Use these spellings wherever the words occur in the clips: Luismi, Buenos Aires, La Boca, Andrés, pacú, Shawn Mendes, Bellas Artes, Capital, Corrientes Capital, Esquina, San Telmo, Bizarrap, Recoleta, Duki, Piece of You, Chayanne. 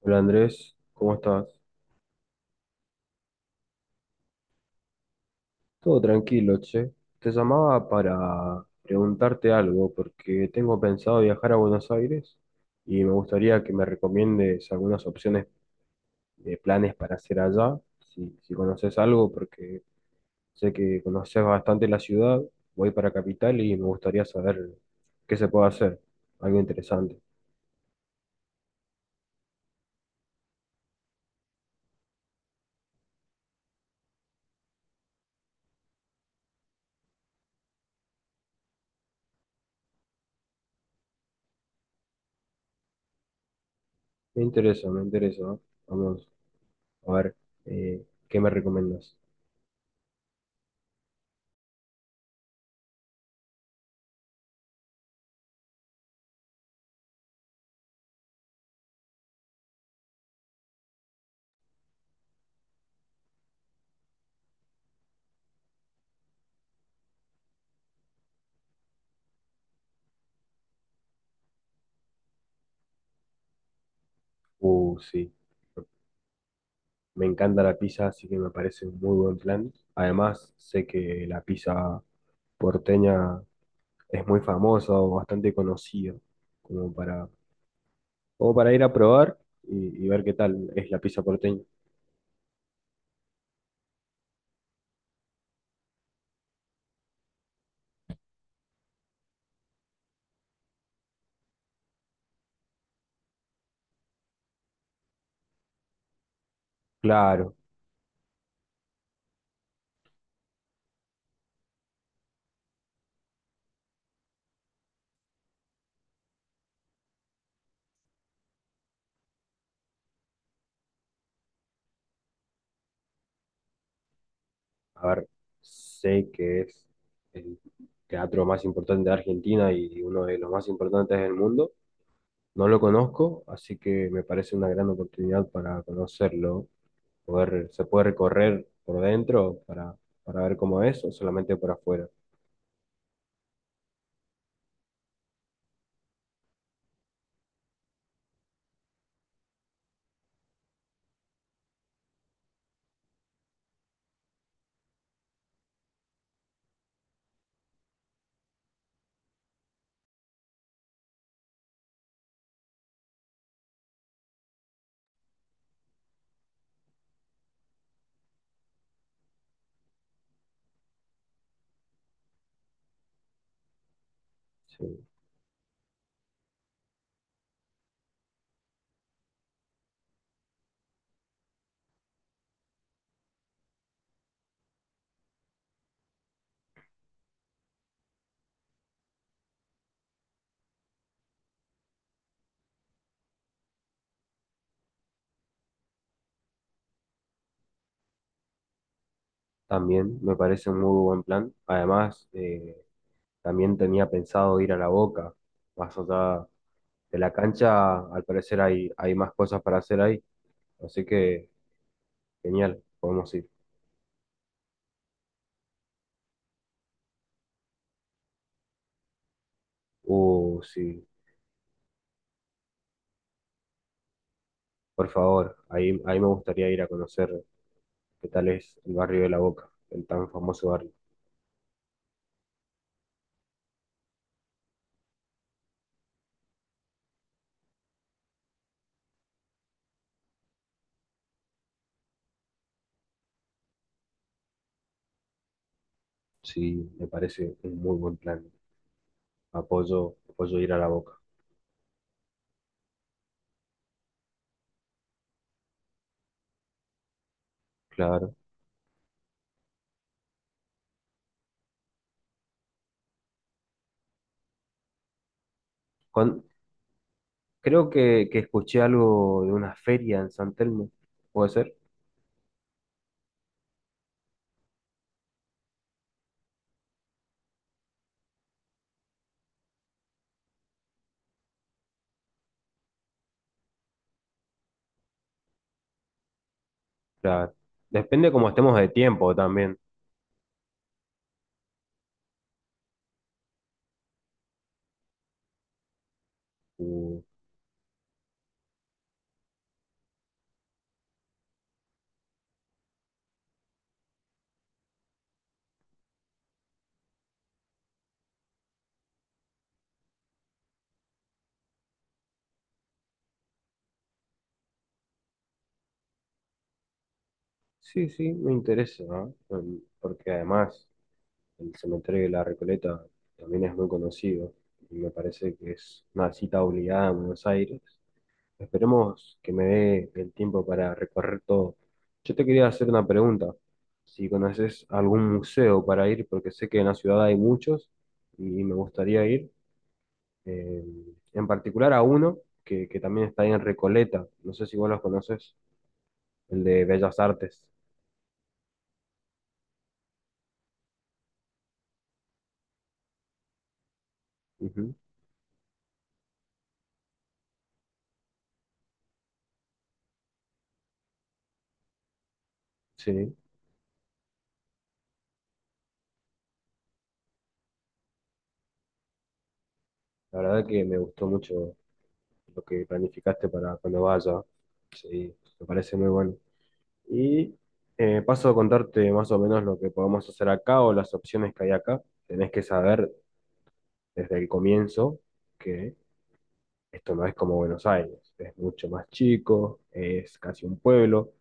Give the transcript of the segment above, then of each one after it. Hola Andrés, ¿cómo estás? Todo tranquilo, che. Te llamaba para preguntarte algo porque tengo pensado viajar a Buenos Aires y me gustaría que me recomiendes algunas opciones de planes para hacer allá, si conoces algo, porque sé que conoces bastante la ciudad, voy para Capital y me gustaría saber qué se puede hacer, algo interesante. Me interesa, me interesa. Vamos a ver, ¿qué me recomiendas? Sí. Me encanta la pizza, así que me parece un muy buen plan. Además, sé que la pizza porteña es muy famosa o bastante conocida, como para, o para ir a probar y ver qué tal es la pizza porteña. Claro, a ver, sé que es el teatro más importante de Argentina y uno de los más importantes del mundo. No lo conozco, así que me parece una gran oportunidad para conocerlo, poder, se puede recorrer por dentro para ver cómo es o solamente por afuera. Sí, también me parece un muy buen plan. Además, también tenía pensado ir a La Boca, más allá de la cancha, al parecer hay más cosas para hacer ahí, así que genial, podemos ir. Sí, por favor, ahí me gustaría ir a conocer qué tal es el barrio de La Boca, el tan famoso barrio. Sí, me parece un muy buen plan. Apoyo, apoyo ir a la Boca, claro. Con- Creo que escuché algo de una feria en San Telmo, ¿puede ser? Claro. Depende cómo estemos de tiempo también. Mm, sí, sí, me interesa, ¿no? Mm, porque además el cementerio de la Recoleta también es muy conocido y me parece que es una cita obligada en Buenos Aires. Esperemos que me dé el tiempo para recorrer todo. Yo te quería hacer una pregunta. Si conoces algún museo para ir, porque sé que en la ciudad hay muchos y me gustaría ir, eh, en particular a uno que también está ahí en Recoleta. No sé si vos los conoces, el de Bellas Artes. Ujú, sí, la verdad que me gustó mucho lo que planificaste para cuando vaya. Sí, me parece muy bueno. Y paso a contarte más o menos lo que podemos hacer acá o las opciones que hay acá. Tenés que saber desde el comienzo que esto no es como Buenos Aires, es mucho más chico, es casi un pueblo.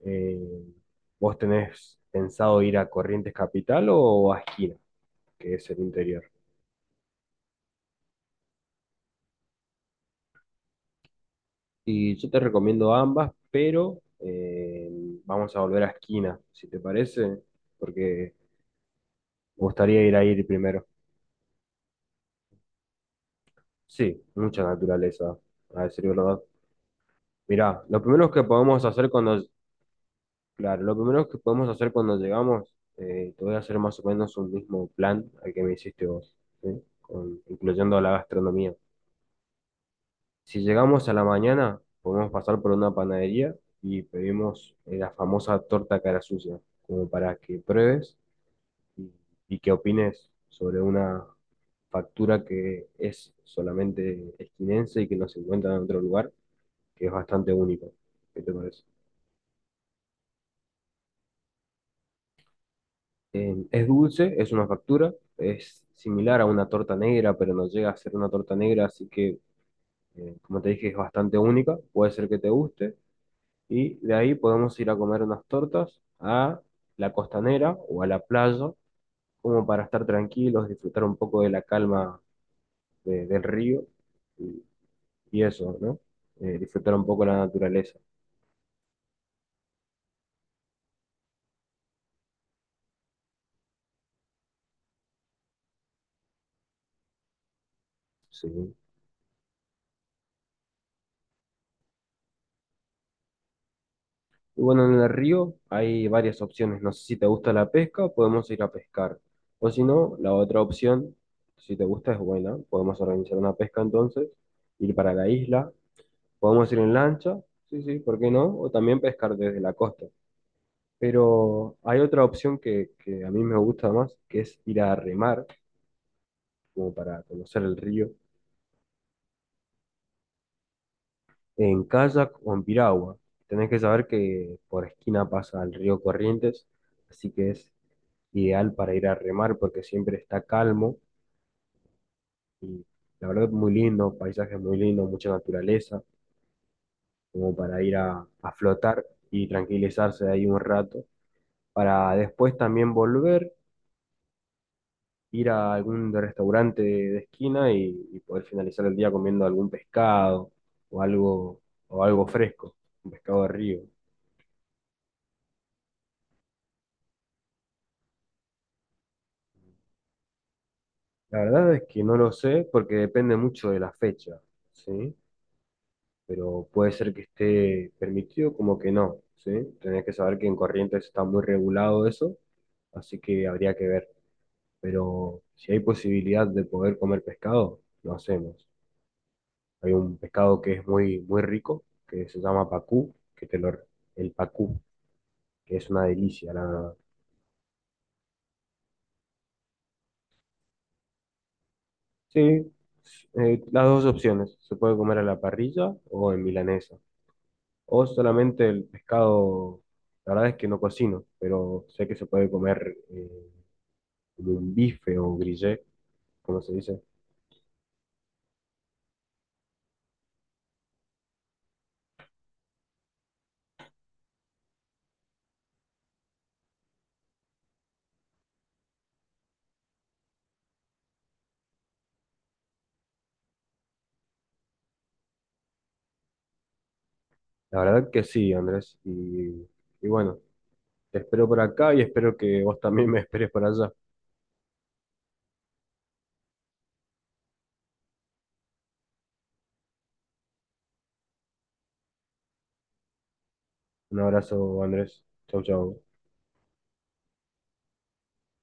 Eh, ¿Vos tenés pensado ir a Corrientes Capital o a Esquina, que es el interior? Y yo te recomiendo ambas, pero vamos a volver a Esquina, si te parece, porque me gustaría ir a ir primero. Sí, mucha naturaleza, a decir verdad. Mirá, lo primero que podemos hacer cuando, claro, lo primero que podemos hacer cuando llegamos, te voy a hacer más o menos un mismo plan al que me hiciste vos, ¿sí? Incluyendo la gastronomía. Si llegamos a la mañana, podemos pasar por una panadería y pedimos la famosa torta cara sucia, como para que pruebes y, y que opines sobre una factura que es solamente esquinense y que no se encuentra en otro lugar, que es bastante único. ¿Qué te parece? Es dulce, es una factura, es similar a una torta negra, pero no llega a ser una torta negra, así que, como te dije, es bastante única, puede ser que te guste. Y de ahí podemos ir a comer unas tortas a la costanera o a la playa, como para estar tranquilos, disfrutar un poco de la calma de- del río y, y eso, ¿no? Disfrutar un poco la naturaleza. Sí. Y bueno, en el río hay varias opciones. No sé si te gusta la pesca, podemos ir a pescar. O si no, la otra opción, si te gusta, es buena. Podemos organizar una pesca entonces, ir para la isla. Podemos ir en lancha, sí, sí, ¿por qué no? O también pescar desde la costa. Pero hay otra opción que a mí me gusta más, que es ir a remar, como para conocer el río, en kayak o en piragua. Tenés que saber que por esquina pasa el río Corrientes, así que es ideal para ir a remar porque siempre está calmo y la verdad es muy lindo, paisaje muy lindo, mucha naturaleza, como para ir a flotar y tranquilizarse ahí un rato, para después también volver, ir a algún restaurante de esquina y poder finalizar el día comiendo algún pescado o algo, o algo fresco, un pescado de río. La verdad es que no lo sé porque depende mucho de la fecha, ¿sí? Pero puede ser que esté permitido como que no, ¿sí? Tenés que saber que en Corrientes está muy regulado eso, así que habría que ver. Pero si hay posibilidad de poder comer pescado, lo hacemos. Hay un pescado que es muy, muy rico, que se llama pacú, que te lo, el pacú, que es una delicia, la verdad. Sí, las dos opciones, se puede comer a la parrilla o en milanesa, o solamente el pescado, la verdad es que no cocino, pero sé que se puede comer como un bife o grillé, como se dice. La verdad que sí, Andrés. Y bueno, te espero por acá y espero que vos también me esperes por allá. Un abrazo, Andrés. Chau, chau.